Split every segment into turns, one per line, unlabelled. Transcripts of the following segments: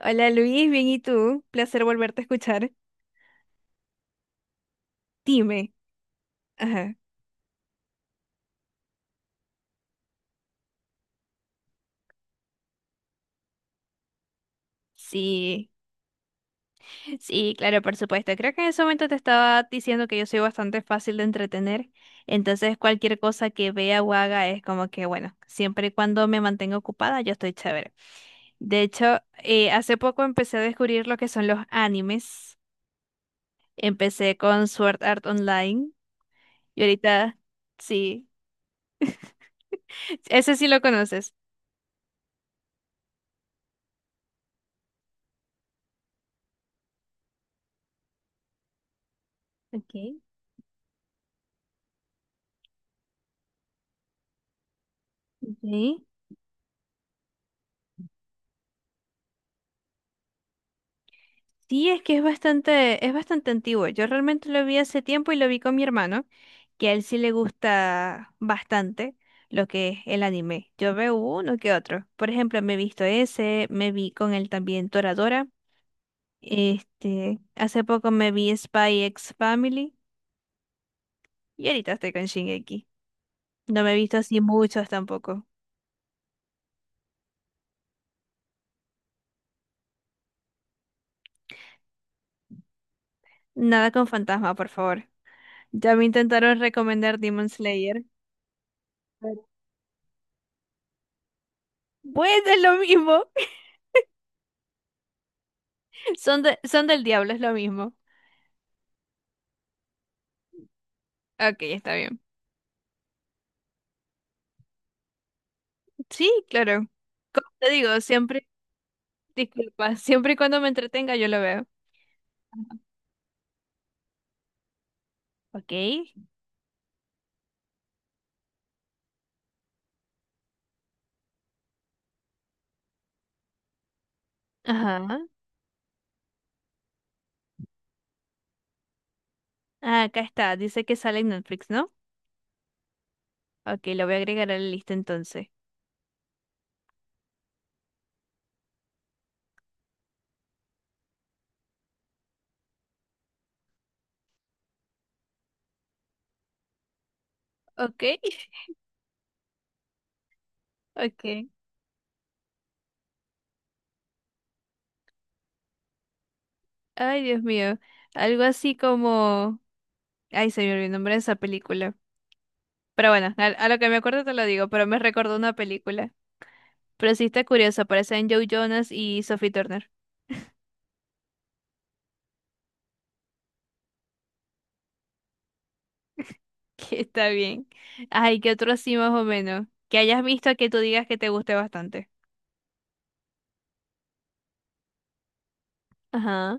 Hola Luis, bien, ¿y tú? Placer volverte a escuchar. Dime. Ajá. Sí, sí, claro, por supuesto. Creo que en ese momento te estaba diciendo que yo soy bastante fácil de entretener. Entonces, cualquier cosa que vea o haga es como que, bueno, siempre y cuando me mantenga ocupada, yo estoy chévere. De hecho, hace poco empecé a descubrir lo que son los animes. Empecé con Sword Art Online y ahorita, sí, ese sí lo conoces. Ok, ok. Sí, es bastante antiguo. Yo realmente lo vi hace tiempo y lo vi con mi hermano, que a él sí le gusta bastante lo que es el anime. Yo veo uno que otro. Por ejemplo, me he visto ese, me vi con él también Toradora. Este, hace poco me vi Spy X Family y ahorita estoy con Shingeki. No me he visto así muchos tampoco. Nada con fantasma, por favor. Ya me intentaron recomendar Demon Slayer. Bueno, es lo mismo. Son del diablo, es lo mismo. Ok, está bien. Sí, claro. Como te digo, siempre, disculpa, siempre y cuando me entretenga yo lo veo. Ok. Ajá. Ah, acá está. Dice que sale en Netflix, ¿no? Ok, lo voy a agregar a la lista entonces. Ok, ok. Ay, Dios mío. Algo así como... Ay, se me olvidó el nombre de esa película. Pero bueno, a lo que me acuerdo te lo digo, pero me recordó una película. Pero sí está curioso, aparecen Joe Jonas y Sophie Turner. Que está bien. Ay, ¿qué otro así más o menos? Que hayas visto que tú digas que te guste bastante. Ajá.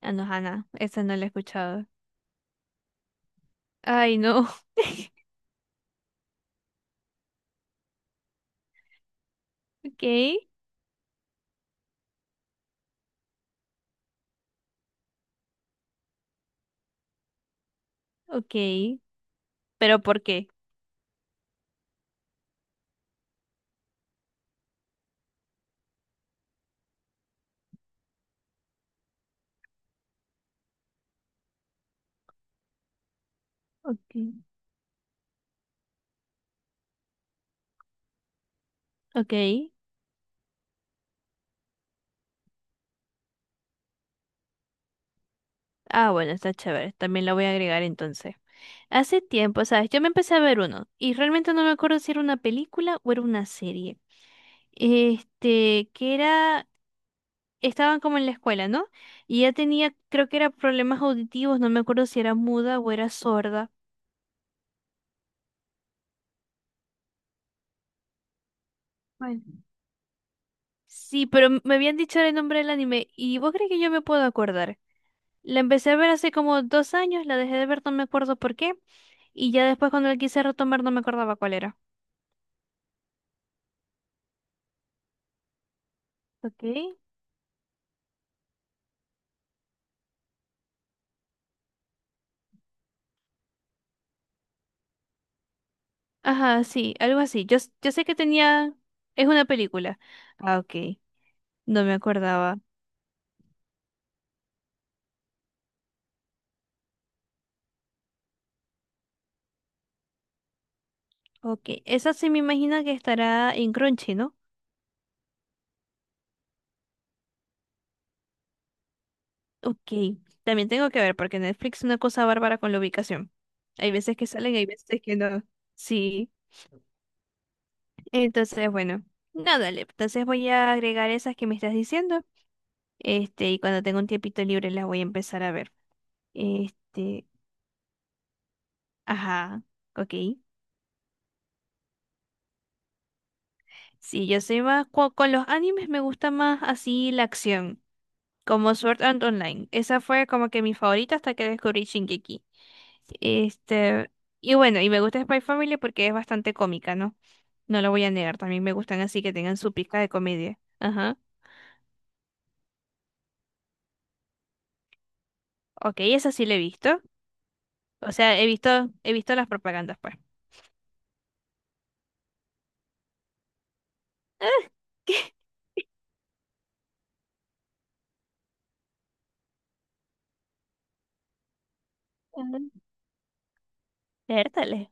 Ah, no, Hannah, esa no la he escuchado. Ay, no. Ok, ok. ¿Pero por qué? Okay, ok. Ah, bueno, está chévere. También la voy a agregar entonces. Hace tiempo, ¿sabes? Yo me empecé a ver uno y realmente no me acuerdo si era una película o era una serie. Este, que era estaban como en la escuela, ¿no? Y ella tenía, creo que era problemas auditivos, no me acuerdo si era muda o era sorda. Bueno. Sí, pero me habían dicho el nombre del anime y vos crees que yo me puedo acordar. La empecé a ver hace como 2 años, la dejé de ver, no me acuerdo por qué, y ya después cuando la quise retomar no me acordaba cuál era. Ok. Ajá, sí, algo así. Yo sé que tenía... Es una película. Ah, ok, no me acordaba. Ok, esa sí me imagino que estará en Crunchy, ¿no? Ok, también tengo que ver porque Netflix es una cosa bárbara con la ubicación. Hay veces que salen, hay veces que no. Sí, entonces bueno, nada, le. Entonces voy a agregar esas que me estás diciendo. Este, y cuando tenga un tiempito libre las voy a empezar a ver. Este, ajá, ok. Sí, yo soy más, con los animes me gusta más así la acción, como Sword Art Online. Esa fue como que mi favorita hasta que descubrí Shingeki. Este, y bueno, y me gusta Spy Family porque es bastante cómica, ¿no? No lo voy a negar, también me gustan así que tengan su pizca de comedia. Ajá. Ok, esa sí la he visto. O sea, he visto las propagandas, pues. ¿Qué? Ajá. Vértale.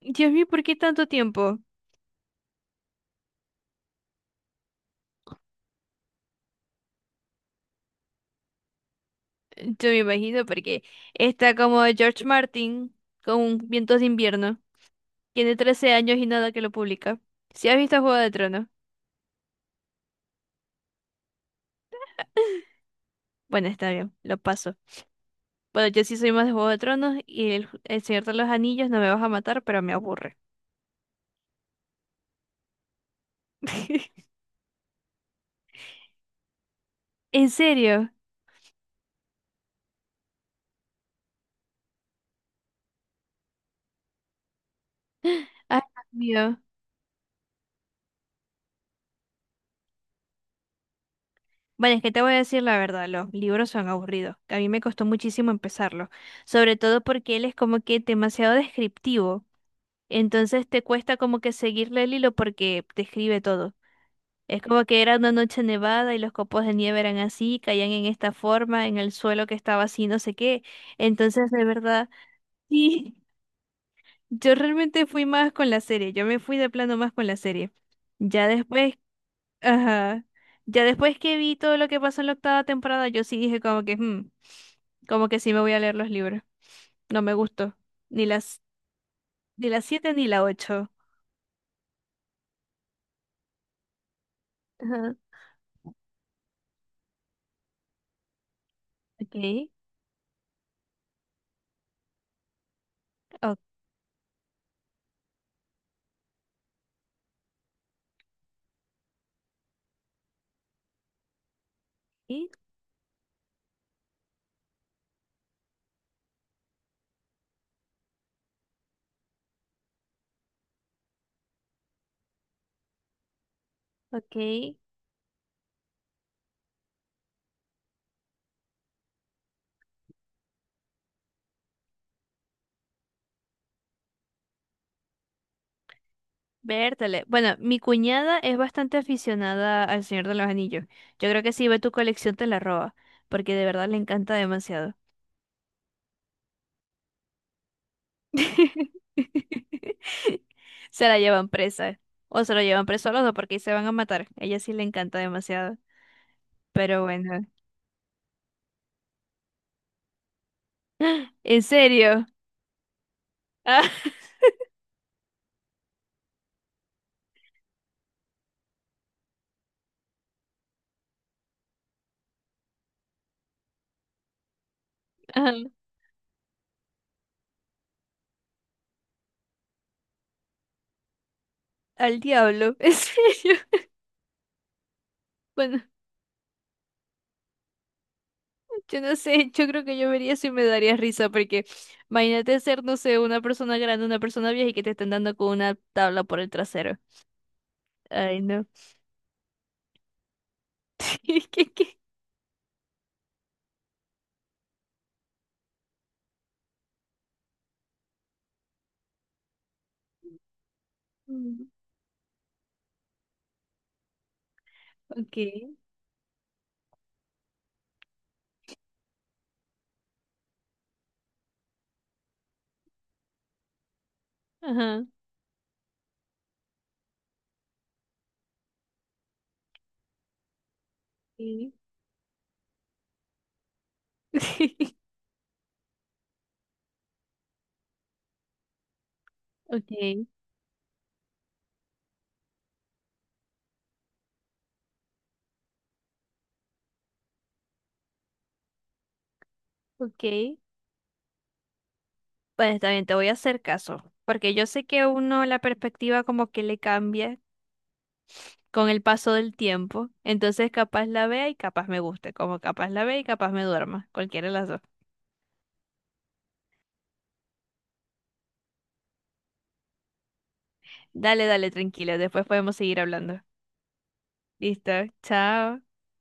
Dios mío, ¿por qué tanto tiempo? Yo me imagino porque está como George Martin con Vientos de Invierno. Tiene 13 años y nada que lo publica. Si has visto Juego de Tronos, bueno, está bien, lo paso. Bueno, yo sí soy más de Juego de Tronos y el Señor de los Anillos no me vas a matar, pero me aburre. ¿En serio? Ay, Dios mío. Bueno, es que te voy a decir la verdad, los libros son aburridos. A mí me costó muchísimo empezarlos, sobre todo porque él es como que demasiado descriptivo. Entonces te cuesta como que seguirle el hilo porque describe todo. Es como que era una noche nevada y los copos de nieve eran así, caían en esta forma, en el suelo que estaba así, no sé qué. Entonces, de verdad, sí. Yo realmente fui más con la serie, yo me fui de plano más con la serie. Ya después, ajá, ya después que vi todo lo que pasó en la octava temporada, yo sí dije como que, "Hmm, como que sí me voy a leer los libros. No me gustó, ni las, ni las siete ni la ocho. Ajá. Okay, okay, okay. Vértale. Bueno, mi cuñada es bastante aficionada al Señor de los Anillos. Yo creo que si ve tu colección te la roba, porque de verdad le encanta demasiado. Se la llevan presa. O se lo llevan preso a los dos porque ahí se van a matar. A ella sí le encanta demasiado. Pero bueno. ¿En serio? Ah, ah, al diablo. ¿En serio? Bueno, yo no sé. Yo creo que yo vería eso y me daría risa porque imagínate ser, no sé, una persona grande, una persona vieja y que te estén dando con una tabla por el trasero. Ay, no. ¿Qué, qué, qué? Mm, ok. Ajá. Sí. Ok. Ok. Bueno, está bien, te voy a hacer caso, porque yo sé que uno la perspectiva como que le cambia con el paso del tiempo, entonces capaz la vea y capaz me guste, como capaz la vea y capaz me duerma, cualquiera de las dos. Dale, dale, tranquila, después podemos seguir hablando. Listo, chao.